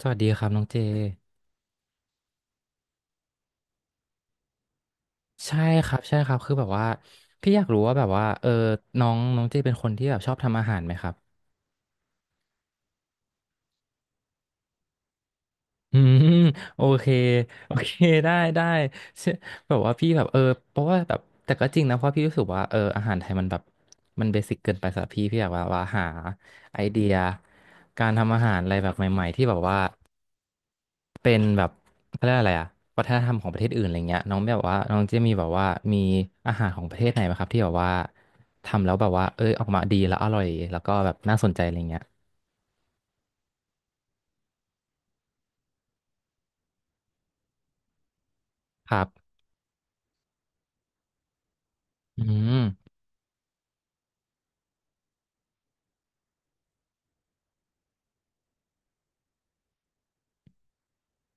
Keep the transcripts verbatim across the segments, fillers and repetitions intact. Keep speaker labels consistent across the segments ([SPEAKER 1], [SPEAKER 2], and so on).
[SPEAKER 1] สวัสดีครับน้องเจใช่ครับใช่ครับคือแบบว่าพี่อยากรู้ว่าแบบว่าเออน้องน้องเจเป็นคนที่แบบชอบทำอาหารไหมครับอืมโอเค โอเคได้ได้เช่อแบบว่าพี่แบบเออเพราะว่าแบบแต่ก็จริงนะเพราะพี่รู้สึกว่าเอออาหารไทยมันแบบมันเบสิกเกินไปสำหรับพี่พี่อยากว่าว่าหาไอเดียการทำอาหารอะไรแบบใหม่ๆที่แบบว่า เป็นแบบเขาเรียกอะไรอะวัฒนธรรมของประเทศอื่นอะไรเงี้ยน้องแบบว่าน้องจะมีแบบว่ามีอาหารของประเทศไหนไหมครับที่แบบว่าทำแล้วแบบว่าเอ้ยออกมาดีแล้วอร่อยแล้วก็แบบน่าสนใจอะไรเงี้ยครับอืม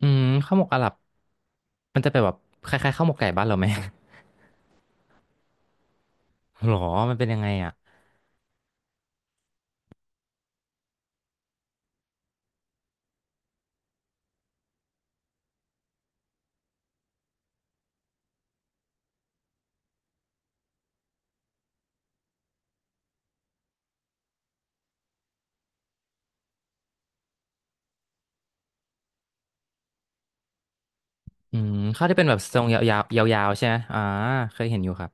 [SPEAKER 1] อืมข้าวหมกอาหรับมันจะเป็นแบบคล้ายๆข้าวหมกไก่บ้านเราไหม หรอมันเป็นยังไงอ่ะอืมข้าวที่เป็นแบบทรงยาวๆยาวๆใช่ไหมอ่าเคยเห็นอยู่ครับ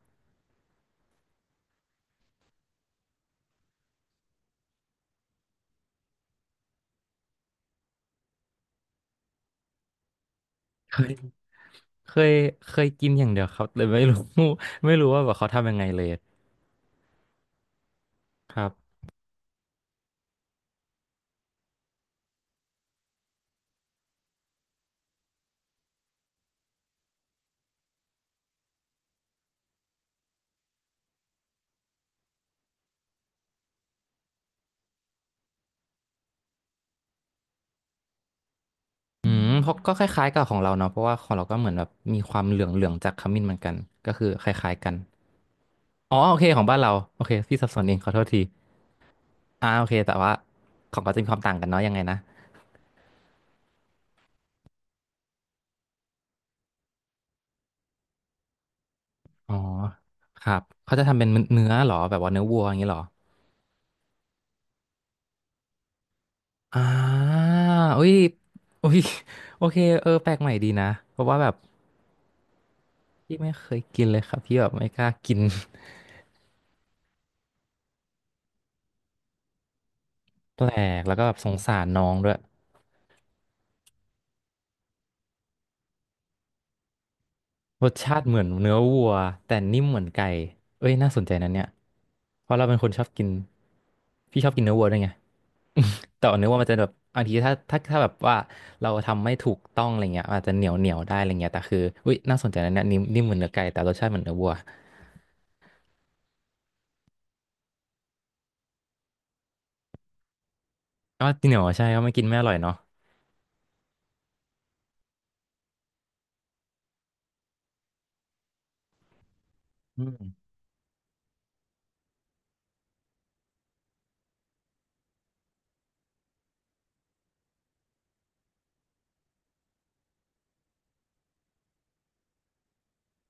[SPEAKER 1] เคยเคยเคยกินอย่างเดียวครับเลยไม่รู้ ไม่รู้ว่าแบบเขาทำยังไงเลยครับ อืมเพราะก็คล้ายๆกับของเราเนาะเพราะว่าของเราก็เหมือนแบบมีความเหลืองๆจากขมิ้นเหมือนกันก็คือคล้ายๆกันอ๋อโอเคของบ้านเราโอเคพี่สับสนเองขอโทษทีอ่าโอเคแต่ว่าของก็จะมีความต่างกันเนาะยังไงนะอ๋อครับเขาจะทำเป็นเนื้อเหรอแบบว่าเนื้อวัวอย่างนี้เหรออ่าอุ้ยอุ้ยโอเคเออแปลกใหม่ดีนะเพราะว่าแบบพี่ไม่เคยกินเลยครับพี่แบบไม่กล้ากิน แปลกแล้วก็แบบสงสารน้องด้วย รสชาติเหมือนเนื้อวัวแต่นิ่มเหมือนไก่เอ้ยน่าสนใจนะเนี่ยเพราะเราเป็นคนชอบกิน พี่ชอบกินเนื้อวัวด้วยไง แต่ว่าเนื้อวัวมันจะแบบบางทีถ้าถ้าถ้าแบบว่าเราทำไม่ถูกต้องอะไรเงี้ยอาจจะเหนียวเหนียวได้อะไรเงี้ยแต่คืออุ้ยน่าสนใจนะเนี่ยนิ่มนิ่มเหมือนเนื้อไก่แต่รสชาติเหมือนเนื้อวัวก็เหนียวใช่ก็ไม่กินไม่อร่อยเนาะอืม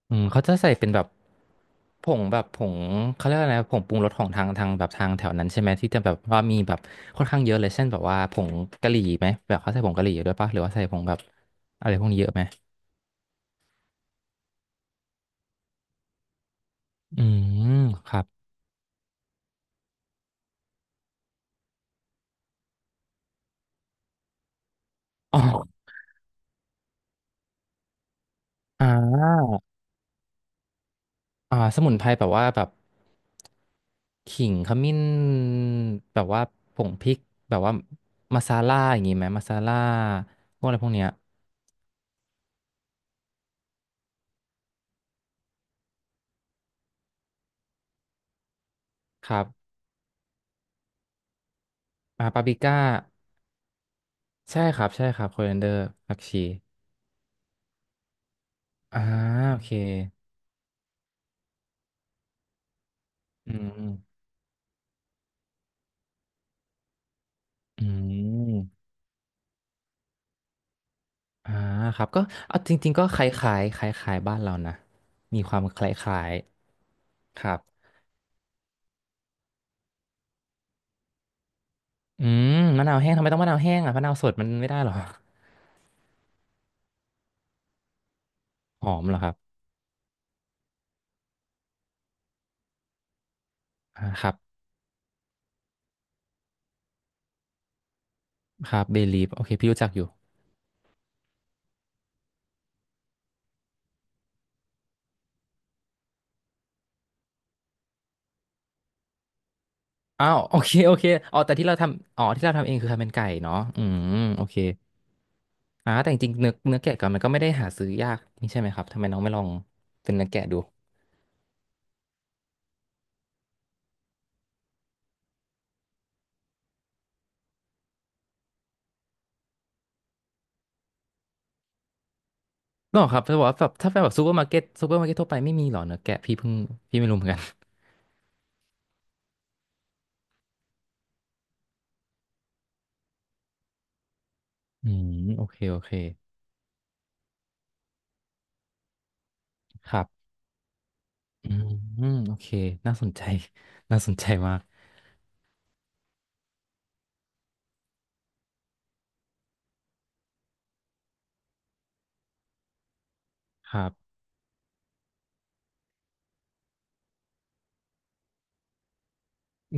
[SPEAKER 1] อืมเขาจะใส่เป็นแบบผงแบบผงเขาเรียกอะไรนะผงปรุงรสของทางทางแบบทางแถวนั้นใช่ไหมที่จะแบบว่ามีแบบค่อนข้างเยอะเลยเช่นแบบว่าผงกะหรี่ไหมแบบเขาใส่ผงกะหรี่ด้วยปะหรือว่าใส่ผงแบบอะไรพวกนี้เยอะไหมอืมครับอ๋ออ่าอ่าสมุนไพรแบบว่าแบบขิงขมิ้นแบบว่าผงพริกแบบว่ามาซาล่าอย่างงี้ไหมมาซาล่าพวกอะไรพวกเนี้ยครับอ่าปาปริก้าใช่ครับใช่ครับโคเรนเดอร์ผักชี อ่าโอเคอืมอืมอ่าครับก็เอาจริงๆก็คล้ายๆคล้ายๆบ้านเรานะมีความคล้ายๆครับอืมมะนาวแห้งทำไมต้องมะนาวแห้งอ่ะมะนาวสดมันไม่ได้หรอหอมเหรอครับอ่าครับครับเบลีฟโอเคพี่รู้จักอยู่อ้าวโอเคโอเคอ๋อแต่ที่เราทำอ๋อที่เราทำเองคือทำเป็นไก่เนาะอืมโอเคอ่าแต่จริงๆเนื้อเนื้อแกะก่อนมันก็ไม่ได้หาซื้อยากนี่ใช่ไหมครับทำไมน้องไม่ลองเป็นเนื้อแกะดู หรอครับแต่ว่าแบบถ้าเป็นแบบซูเปอร์มาร์เก็ตซูเปอร์มาร์เก็ตทั่วไปไม่มีหรอเนื้อแกะพี่เพิ่งพี่ไม่รู้เหมือนกันอืมโอเคโอเคครับอืมโอเคน่าสนใจ น่าสนใจมากครับ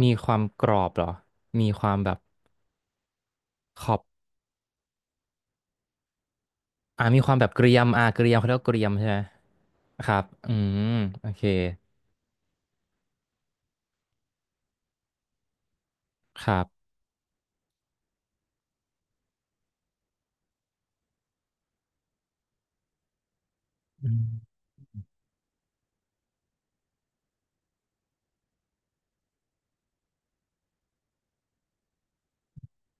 [SPEAKER 1] มีความกรอบเหรอมีความแบบขอบอ่ามีความแบบเกรียมอ่าเกรียมเขาเรียกว่าเกรียมใช่ไหมครับอืมโอเคครับอืม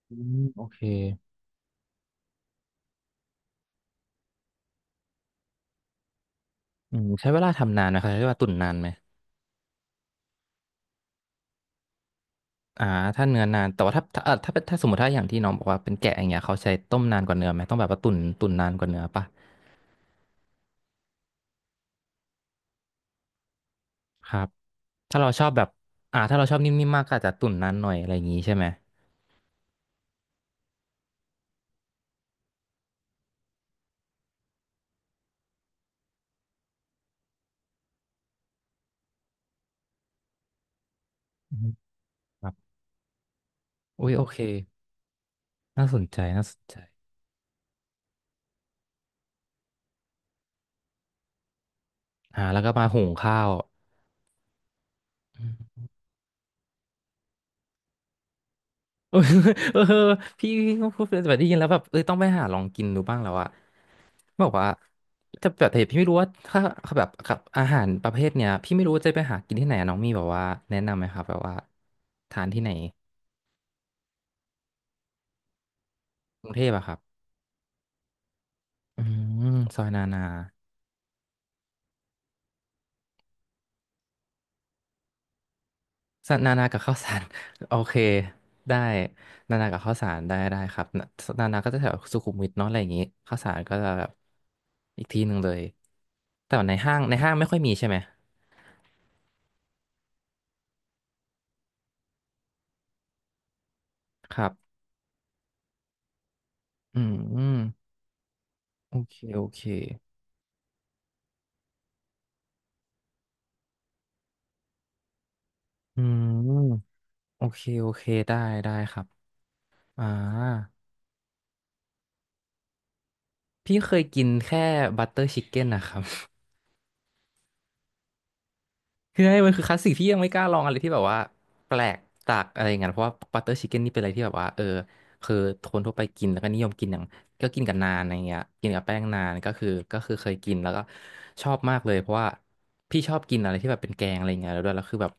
[SPEAKER 1] อืมโอเคอืมใช้เวลาทำนานไหมครับใช้เวลาตุ๋นนานไหม อ่าถ้าเนื้อนานแต่ว่าถ้าถ้าเอ่อถ้าเป็นถ้าสมมติถ้าอย่างที่น้องบอกว่าเป็นแกะอย่างเงี้ยเขาใช้ต้มนานกว่าเนื้อไหมต้องแบบว่าตุ๋นตุ๋นนานกว่าเนื้อป่ะครับถ้าเราชอบแบบอ่าถ้าเราชอบนิ่มๆมากก็อาจจะตุ๋นนานหน่อยอะไรอย่างงี้ใช่ไหมอืมครับอุ้ยโอเคน่าสนใจน่าสนใจอ่าแล้วก็มาหุงข้าว เออเออพี่พี่ก็พูดแบบได้ยินแล้วแบบเออต้องไปหาลองกินดูบ้างแล้วอะบอกว่าแต่แบบแต่พี่ไม่รู้ว่าถ้าแบบกับอาหารประเภทเนี้ยพี่ไม่รู้ว่าจะไปหากินที่ไหนอะน้องมีแบบว่าแนะนำไหมครับแบบว่าทานที่ไหนกรุงเทพอะครับอืมซอยนานาซอยนานากับข้าวสาร โอเคได้นานากับข้าวสารได้ได้ครับนานานาก็จะแถวสุขุมวิทเนาะอะไรอย่างงี้ข้าวสารก็จะแบบอีกที่หนึ่งเลยแต่ว่าในห้างในห้างไม่ค่อยมีใช่ไหมครับ อืม โอเค โอเค อืม โอเค โอเค ได้ ได้ครับอ่าพี่เคยกินแค่บัตเตอร์ชิคเก้นนะครับ คือให้มันคือคลาสสิกที่ยังไม่กล้าลองอะไรที่แบบว่าแปลกจากอะไรอย่างเงี้ยเพราะว่าบัตเตอร์ชิคเก้นนี่เป็นอะไรที่แบบว่าเออคือคนทั่วไปกินแล้วก็นิยมกินอย่างก็กินกับนานอะไรเงี้ยกินกับแป้งนานก็คือก็คือเคยกินแล้วก็ชอบมากเลยเพราะว่าพี่ชอบกินอะไรที่แบบเป็นแกงอะไรเงี้ยแล้วด้วยแล้วคือแบบ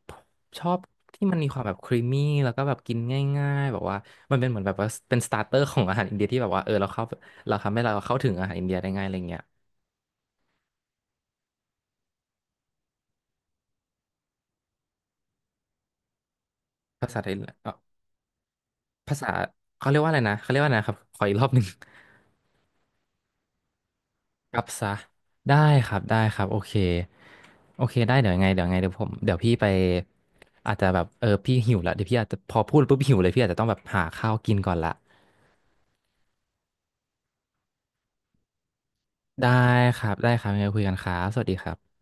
[SPEAKER 1] ชอบที่มันมีความแบบครีมมี่แล้วก็แบบกินง่ายๆแบบว่ามันเป็นเหมือนแบบว่าเป็นสตาร์เตอร์ของอาหารอินเดียที่แบบว่าเออเราเข้าเราทำให้เราเข้าถึงอาหารอินเดียได้ง่ายอะไรเงี้ยภาษาไทยเอ่อภาษาเขาเรียกว่าอะไรนะเขาเรียกว่าอะไรนะครับขออีกรอบหนึ่ง กลับซะได้ครับได้ครับโอเคโอเคได้เดี๋ยวยังไงเดี๋ยวยังไงเดี๋ยวผมเดี๋ยวพี่ไปอาจจะแบบเออพี่หิวละเดี๋ยวพี่อาจจะพอพูดปุ๊บหิวเลยพี่อาจจะต้องแบบหาข้าวกินก่อนละได้ครับได้ครับยังไงคุยกันครับสวัสดีครับ